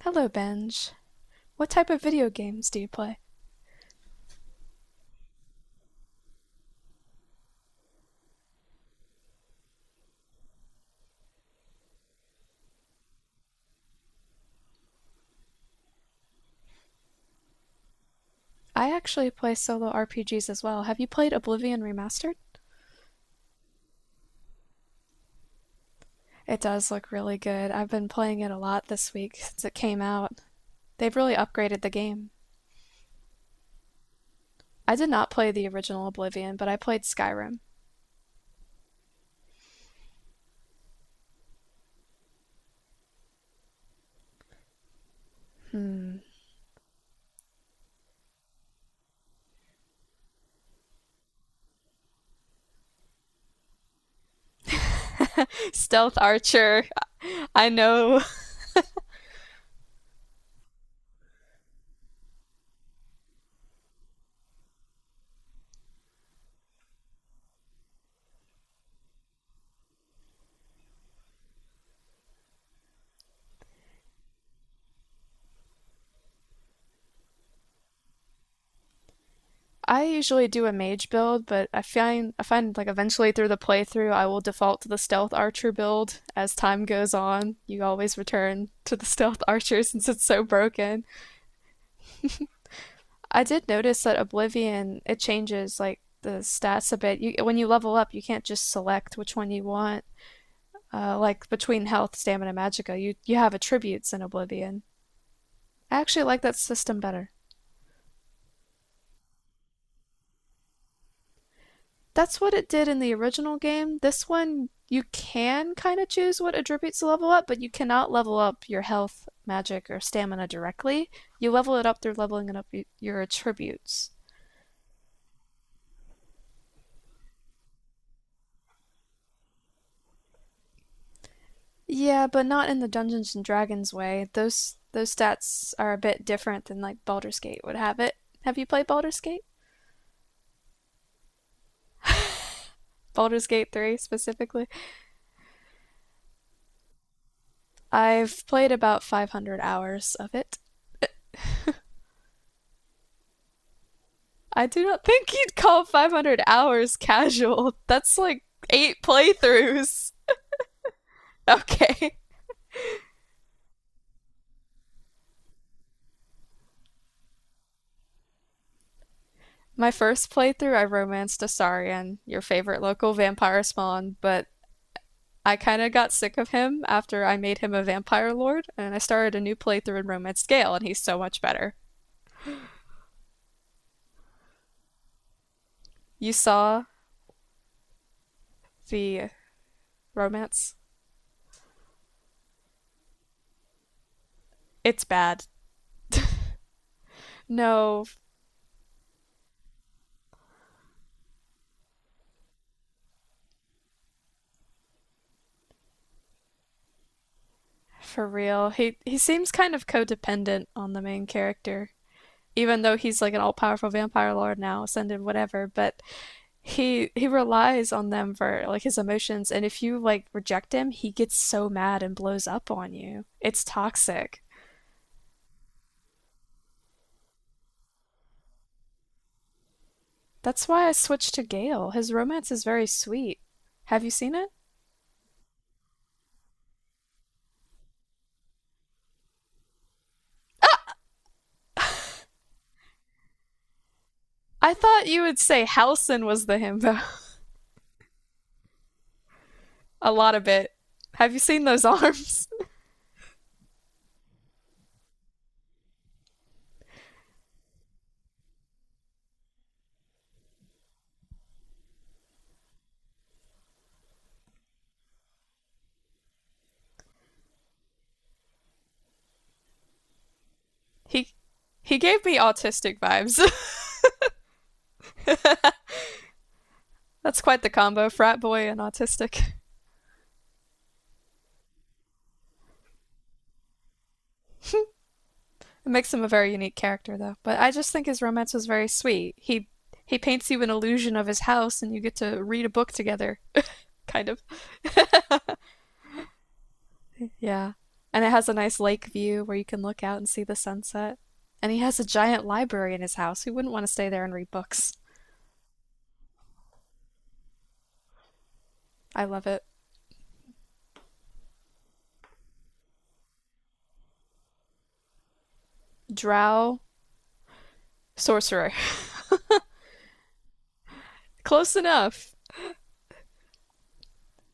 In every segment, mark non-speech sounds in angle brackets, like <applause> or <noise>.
Hello, Benj. What type of video games do you play? I actually play solo RPGs as well. Have you played Oblivion Remastered? It does look really good. I've been playing it a lot this week since it came out. They've really upgraded the game. I did not play the original Oblivion, but I played Skyrim. <laughs> Stealth Archer. I know. I usually do a mage build, but I find like eventually through the playthrough I will default to the stealth archer build as time goes on. You always return to the <laughs> stealth archer since it's so broken. I did notice that Oblivion it changes like the stats a bit. You when you level up, you can't just select which one you want. Like between health, stamina, magicka, you have attributes in Oblivion. I actually like that system better. That's what it did in the original game. This one, you can kind of choose what attributes to level up, but you cannot level up your health, magic, or stamina directly. You level it up through leveling it up your attributes. Yeah, but not in the Dungeons and Dragons way. Those stats are a bit different than like Baldur's Gate would have it. Have you played Baldur's Gate? Baldur's Gate 3 specifically? I've played about 500 hours of it. I do not think you'd call 500 hours casual. That's like eight playthroughs. <laughs> Okay. My first playthrough, I romanced Asarian, your favorite local vampire spawn, but I kind of got sick of him after I made him a vampire lord, and I started a new playthrough in Romance Gale, and he's so much better. You saw the romance? It's bad. No, for real. He seems kind of codependent on the main character, even though he's like an all-powerful vampire lord now, ascended, whatever, but he relies on them for like his emotions, and if you like reject him, he gets so mad and blows up on you. It's toxic. That's why I switched to Gale. His romance is very sweet. Have you seen it? I thought you would say Halson was the himbo. <laughs> A lot of it. Have you seen those arms? <laughs> He he gave me autistic vibes. <laughs> That's quite the combo, frat boy and autistic. It makes him a very unique character, though. But I just think his romance was very sweet. He paints you an illusion of his house, and you get to read a book together, <laughs> kind of. Yeah, and it has a nice lake view where you can look out and see the sunset. And he has a giant library in his house. Who wouldn't want to stay there and read books? I love it. Drow sorcerer, <laughs> close enough.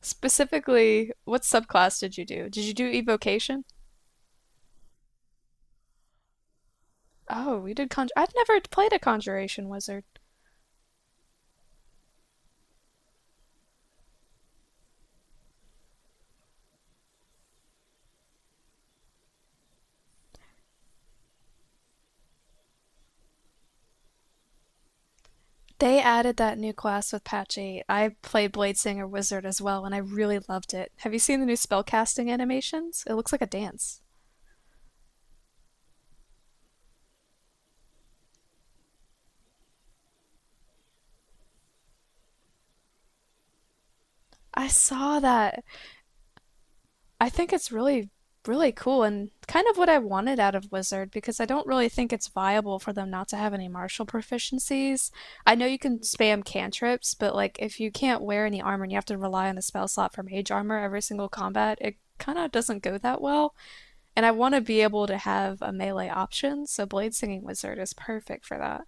Specifically, what subclass did you do? Did you do evocation? Oh, we did conjure. I've never played a conjuration wizard. They added that new class with patch 8. I played Bladesinger Wizard as well, and I really loved it. Have you seen the new spellcasting animations? It looks like a dance. I saw that. I think it's really, really cool and kind of what I wanted out of Wizard because I don't really think it's viable for them not to have any martial proficiencies. I know you can spam cantrips, but like if you can't wear any armor and you have to rely on the spell slot for mage armor every single combat, it kind of doesn't go that well. And I want to be able to have a melee option, so Blade Singing Wizard is perfect for that.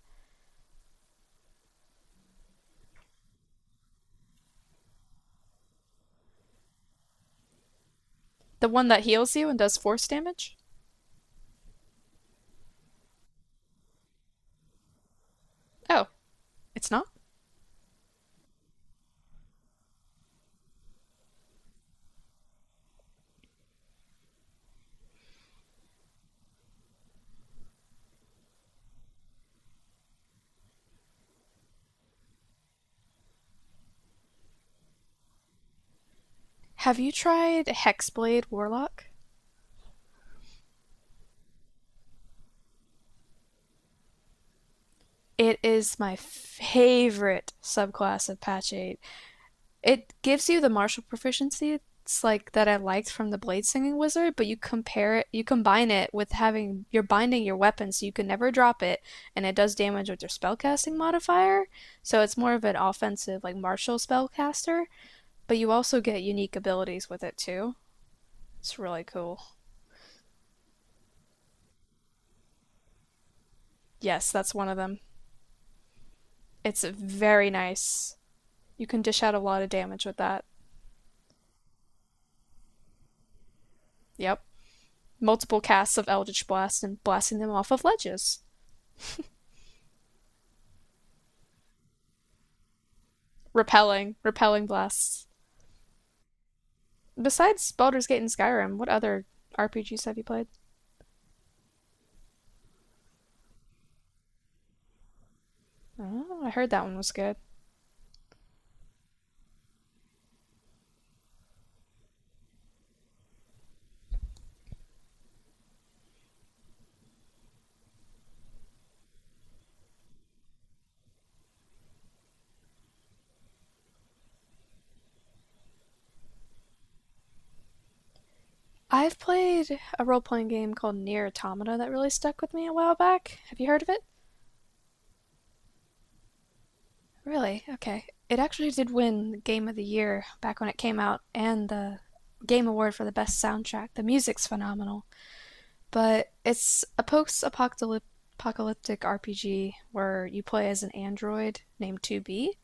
The one that heals you and does force damage? Oh, it's not? Have you tried Hexblade Warlock? It is my favorite subclass of Patch 8. It gives you the martial proficiency it's like that I liked from the Blade Singing Wizard, but you combine it with having you're binding your weapon so you can never drop it, and it does damage with your spellcasting modifier. So it's more of an offensive, like martial spellcaster, but you also get unique abilities with it too. It's really cool. Yes, that's one of them. It's very nice. You can dish out a lot of damage with that. Yep. Multiple casts of Eldritch Blast and blasting them off of ledges. Repelling blasts. Besides Baldur's Gate and Skyrim, what other RPGs have you played? Oh, I heard that one was good. I've played a role playing game called Near Automata that really stuck with me a while back. Have you heard of it? Really? Okay. It actually did win Game of the Year back when it came out and the Game Award for the Best Soundtrack. The music's phenomenal. But it's a post apocalyptic RPG where you play as an android named 2B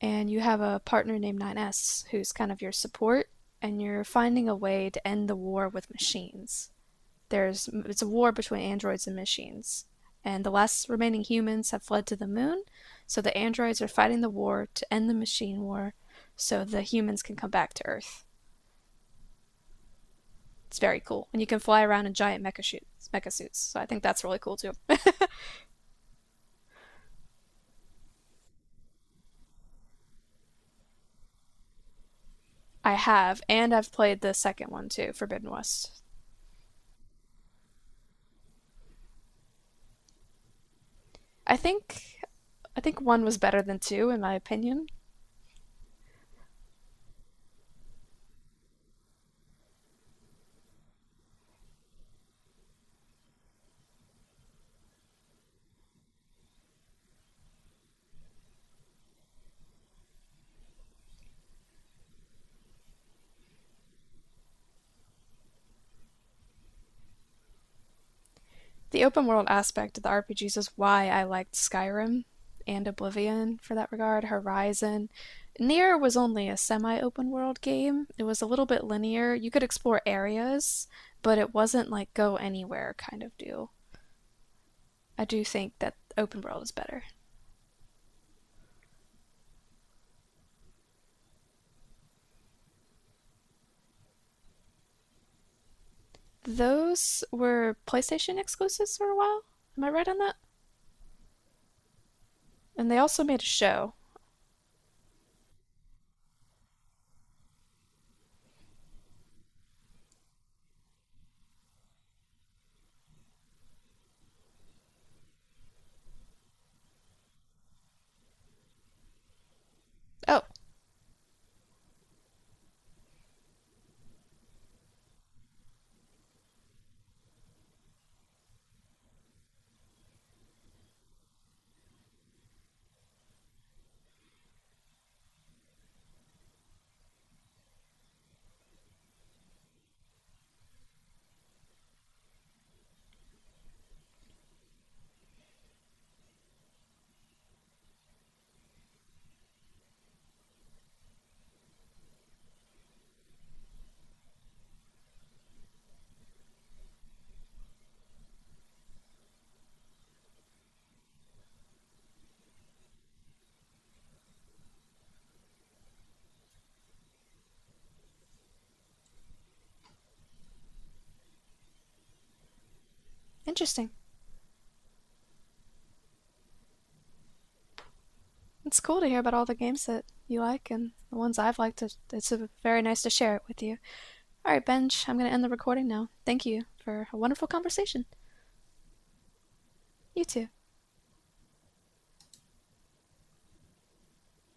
and you have a partner named 9S, who's kind of your support, and you're finding a way to end the war with machines. There's it's a war between androids and machines, and the last remaining humans have fled to the moon, so the androids are fighting the war to end the machine war, so the humans can come back to Earth. It's very cool, and you can fly around in giant mecha suits. So I think that's really cool too. <laughs> I have, and I've played the second one too, Forbidden West. I think, I think one was better than two in my opinion. The open world aspect of the RPGs is why I liked Skyrim and Oblivion for that regard, Horizon. Nier was only a semi open world game. It was a little bit linear. You could explore areas, but it wasn't like go anywhere kind of deal. I do think that open world is better. Those were PlayStation exclusives for a while. Am I right on that? And they also made a show. Oh, interesting. It's cool to hear about all the games that you like and the ones I've liked. It's very nice to share it with you. All right, Benj, I'm going to end the recording now. Thank you for a wonderful conversation. You too.